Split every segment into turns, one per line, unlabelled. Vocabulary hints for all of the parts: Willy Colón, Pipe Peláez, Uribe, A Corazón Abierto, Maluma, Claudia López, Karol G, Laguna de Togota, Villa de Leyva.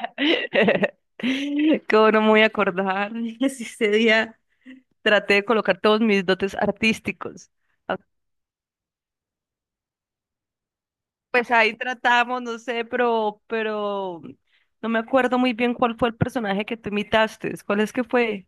¿Cómo no me voy a acordar? Si ese día traté de colocar todos mis dotes artísticos. Ah. Pues ahí tratamos, no sé, pero no me acuerdo muy bien cuál fue el personaje que tú imitaste. ¿Cuál es que fue?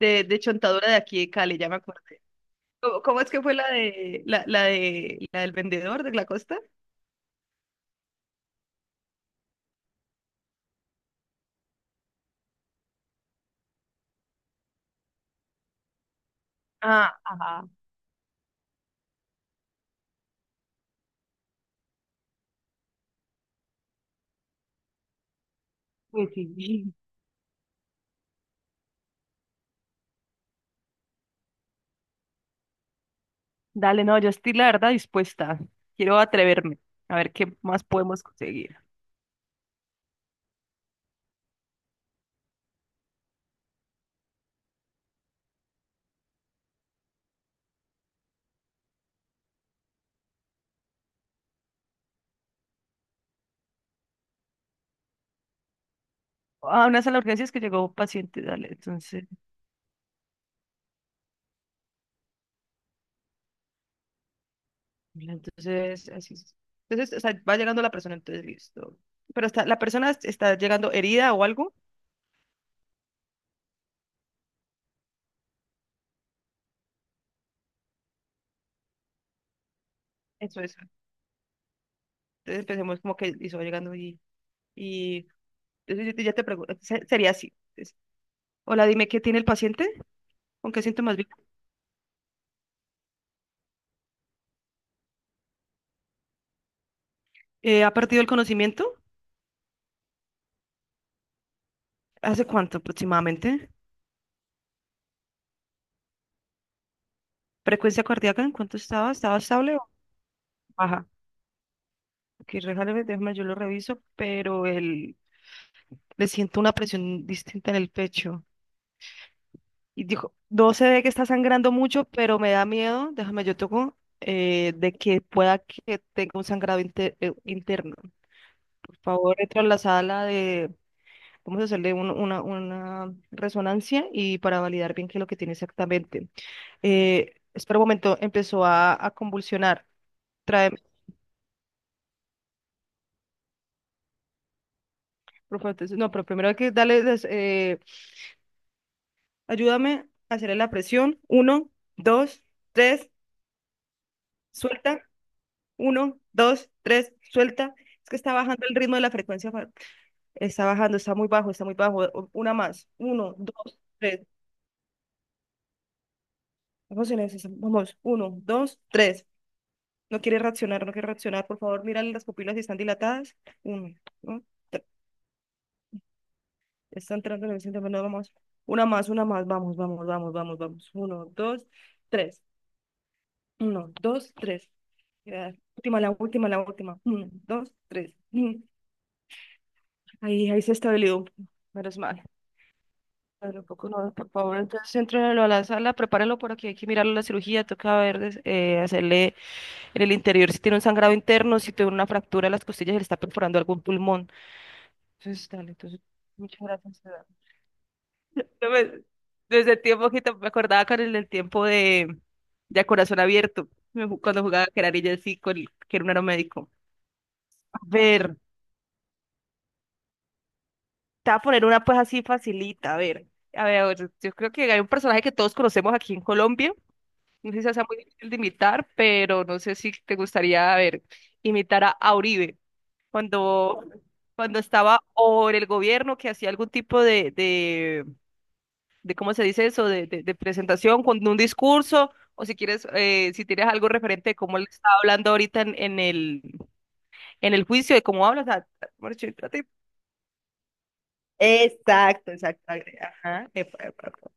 De Chontadura de aquí de Cali, ya me acordé. ¿Cómo es que fue la de la del vendedor de la costa? Ah, ajá. Pues sí. Dale, no, yo estoy la verdad dispuesta. Quiero atreverme a ver qué más podemos conseguir. A una sala de urgencias que llegó paciente, dale, entonces, entonces, así es. Entonces, o sea, va llegando la persona, entonces, listo. Pero está, la está llegando herida o algo, eso es. Entonces, empecemos como que hizo llegando y entonces ya te pregunto, sería así. Entonces, hola, dime, ¿qué tiene el paciente? ¿Con qué síntomas vive? ¿Ha perdido el conocimiento? ¿Hace cuánto aproximadamente? ¿Frecuencia cardíaca? ¿En cuánto estaba? ¿Estaba estable o baja? Ok, déjame, yo lo reviso, pero el... Le siento una presión distinta en el pecho. Y dijo, no se ve que está sangrando mucho, pero me da miedo, déjame yo toco, de que pueda que tenga un sangrado interno. Por favor, entra a la sala de, vamos a hacerle una resonancia y para validar bien qué es lo que tiene exactamente. Espera un momento, empezó a convulsionar. Tráeme, por favor, entonces, no, pero primero hay que darle, ayúdame a hacerle la presión. Uno, dos, tres, suelta. Uno, dos, tres, suelta. Es que está bajando el ritmo de la frecuencia. Está bajando, está muy bajo, está muy bajo. Una más. Uno, dos, tres. Vamos en eso. Vamos. Uno, dos, tres. No quiere reaccionar, no quiere reaccionar. Por favor, mírale las pupilas si están dilatadas. Uno, dos, tres. Está entrando en el centro. Bueno, vamos. Una más, una más. Vamos, vamos, vamos, vamos, vamos. Uno, dos, tres. Uno, dos, tres. Ya, última, la última, la última. Uno, dos, tres. Mm. Ahí, ahí se estabilizó. Menos mal. Claro, poco no, por favor. Entonces, entrénelo a la sala, prepárelo por aquí. Hay que mirarlo la cirugía. Toca ver, hacerle en el interior si tiene un sangrado interno, si tiene una fractura de las costillas, le está perforando algún pulmón. Entonces, dale, entonces, muchas gracias. Eva. No me- Desde el tiempo que me acordaba con el del tiempo de A Corazón Abierto, cuando jugaba que era niña así, con, que era un aeromédico. A ver, te voy a poner una pues así facilita, a ver. A ver, a ver, yo creo que hay un personaje que todos conocemos aquí en Colombia. No sé si sea muy difícil de imitar, pero no sé si te gustaría, a ver, imitar a Uribe cuando, cuando estaba o en el gobierno que hacía algún tipo de ¿cómo se dice eso? De presentación, con un discurso, o si quieres, si tienes algo referente de cómo él está hablando ahorita en el juicio, de cómo habla, o sea, mejor dicho, exacto, exacto. Ajá. Epa, epa, epa.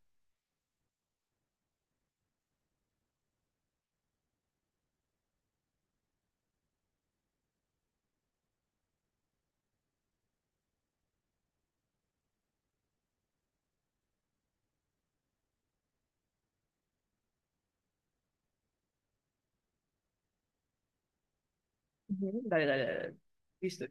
Ujú. Dale, dale, dale, dale. Listo.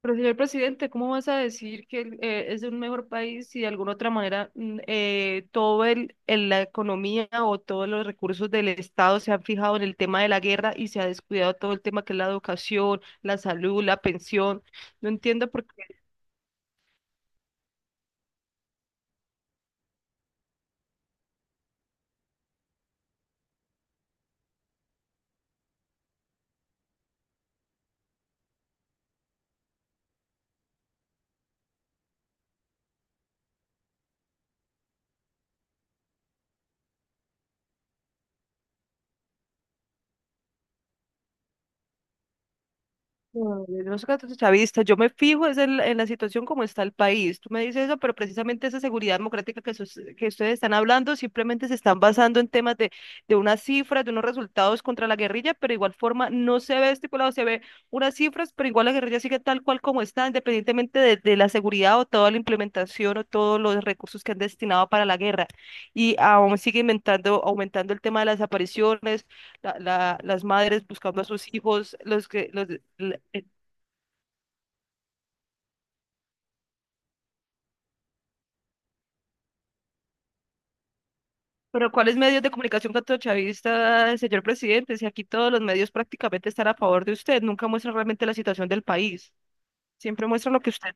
Pero señor presidente, ¿cómo vas a decir que es un mejor país si de alguna otra manera todo la economía o todos los recursos del Estado se han fijado en el tema de la guerra y se ha descuidado todo el tema que es la educación, la salud, la pensión? No entiendo. No, yo no soy chavista, yo me fijo es en la situación como está el país. Tú me dices eso, pero precisamente esa seguridad democrática que ustedes están hablando simplemente se están basando en temas de unas cifras, de unos resultados contra la guerrilla, pero igual forma no se ve estipulado, se ve unas cifras, pero igual la guerrilla sigue tal cual como está, independientemente de la seguridad o toda la implementación o todos los recursos que han destinado para la guerra. Y aún sigue inventando, aumentando el tema de las apariciones las madres buscando a sus hijos, los que, los, pero ¿cuáles medios de comunicación castrochavista, señor presidente? Si aquí todos los medios prácticamente están a favor de usted, nunca muestran realmente la situación del país, siempre muestran lo que usted,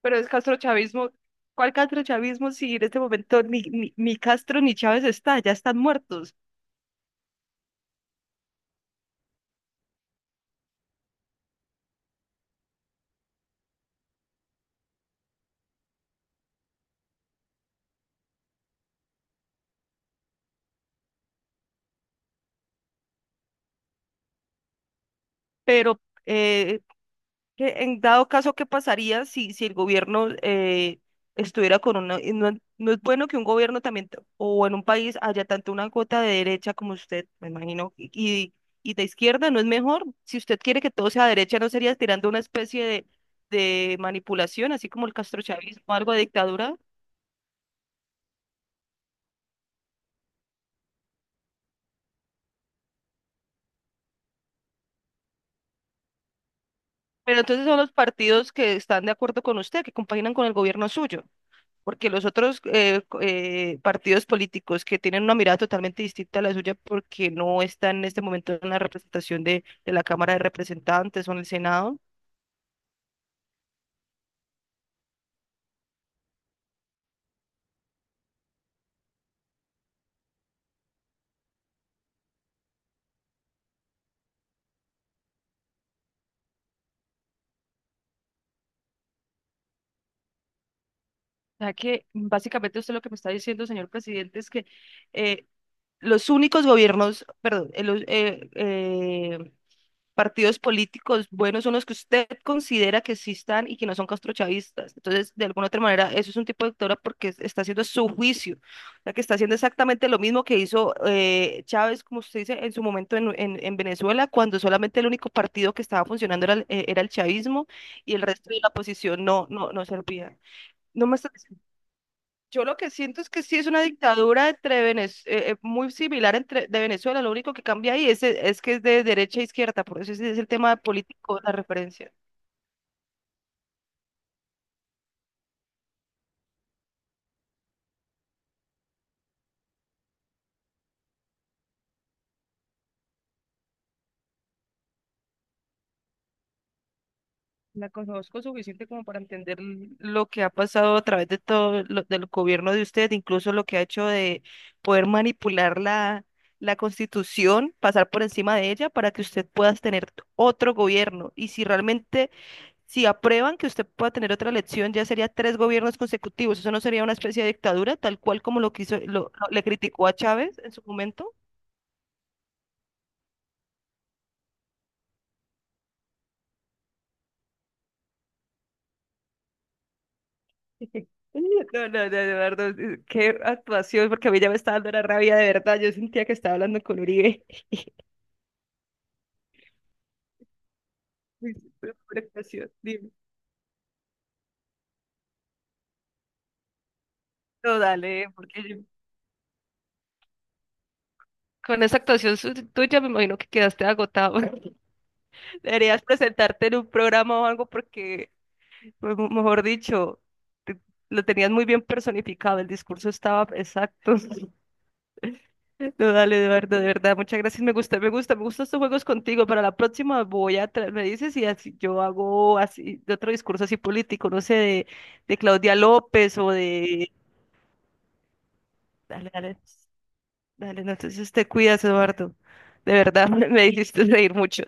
pero es castrochavismo. ¿Cuál castrochavismo si en este momento ni Castro ni Chávez está, ya están muertos? Pero eh, que en dado caso, ¿qué pasaría si, si el gobierno estuviera con una... y no, no es bueno que un gobierno también, o en un país haya tanto una cuota de derecha como usted, me imagino, y y de izquierda, ¿no es mejor? Si usted quiere que todo sea derecha, ¿no sería tirando una especie de manipulación, así como el castrochavismo, algo de dictadura? Pero entonces son los partidos que están de acuerdo con usted, que compaginan con el gobierno suyo. Porque los otros partidos políticos que tienen una mirada totalmente distinta a la suya porque no están en este momento en la representación de la Cámara de Representantes o en el Senado. O sea que básicamente usted lo que me está diciendo, señor presidente, es que eh, los únicos gobiernos, perdón, partidos políticos buenos son los que usted considera que existan y que no son castrochavistas. Entonces, de alguna otra manera, eso es un tipo de dictadura porque está haciendo su juicio, o sea, que está haciendo exactamente lo mismo que hizo Chávez, como usted dice, en su momento en, en Venezuela, cuando solamente el único partido que estaba funcionando era el chavismo y el resto de la oposición no, no, no servía. No me está yo lo que siento es que sí es una dictadura entre muy similar entre de Venezuela, lo único que cambia ahí es que es de derecha a izquierda, por eso ese es el tema político, la referencia. La conozco suficiente como para entender lo que ha pasado a través de del gobierno de usted, incluso lo que ha hecho de poder manipular la, la constitución, pasar por encima de ella para que usted pueda tener otro gobierno. Y si realmente si aprueban que usted pueda tener otra elección, ya sería tres gobiernos consecutivos. ¿Eso no sería una especie de dictadura, tal cual como lo quiso, le criticó a Chávez en su momento? No, no, no, Eduardo, qué actuación, porque a mí ya me estaba dando la rabia de verdad. Yo sentía que estaba hablando con Uribe. Uy, pero por actuación, dime. No, dale, con esa actuación tuya me imagino que quedaste agotado. Deberías presentarte en un programa o algo porque pues, mejor dicho, te- lo tenías muy bien personificado, el discurso estaba exacto. No, dale, Eduardo, de verdad, muchas gracias. Me gusta, me gusta, me gustan estos juegos contigo. Para la próxima voy a, me dices y así yo hago así, de otro discurso así político, no sé, de Claudia López o de... Dale, dale, dale, no, entonces te cuidas, Eduardo. De verdad, me hiciste reír mucho.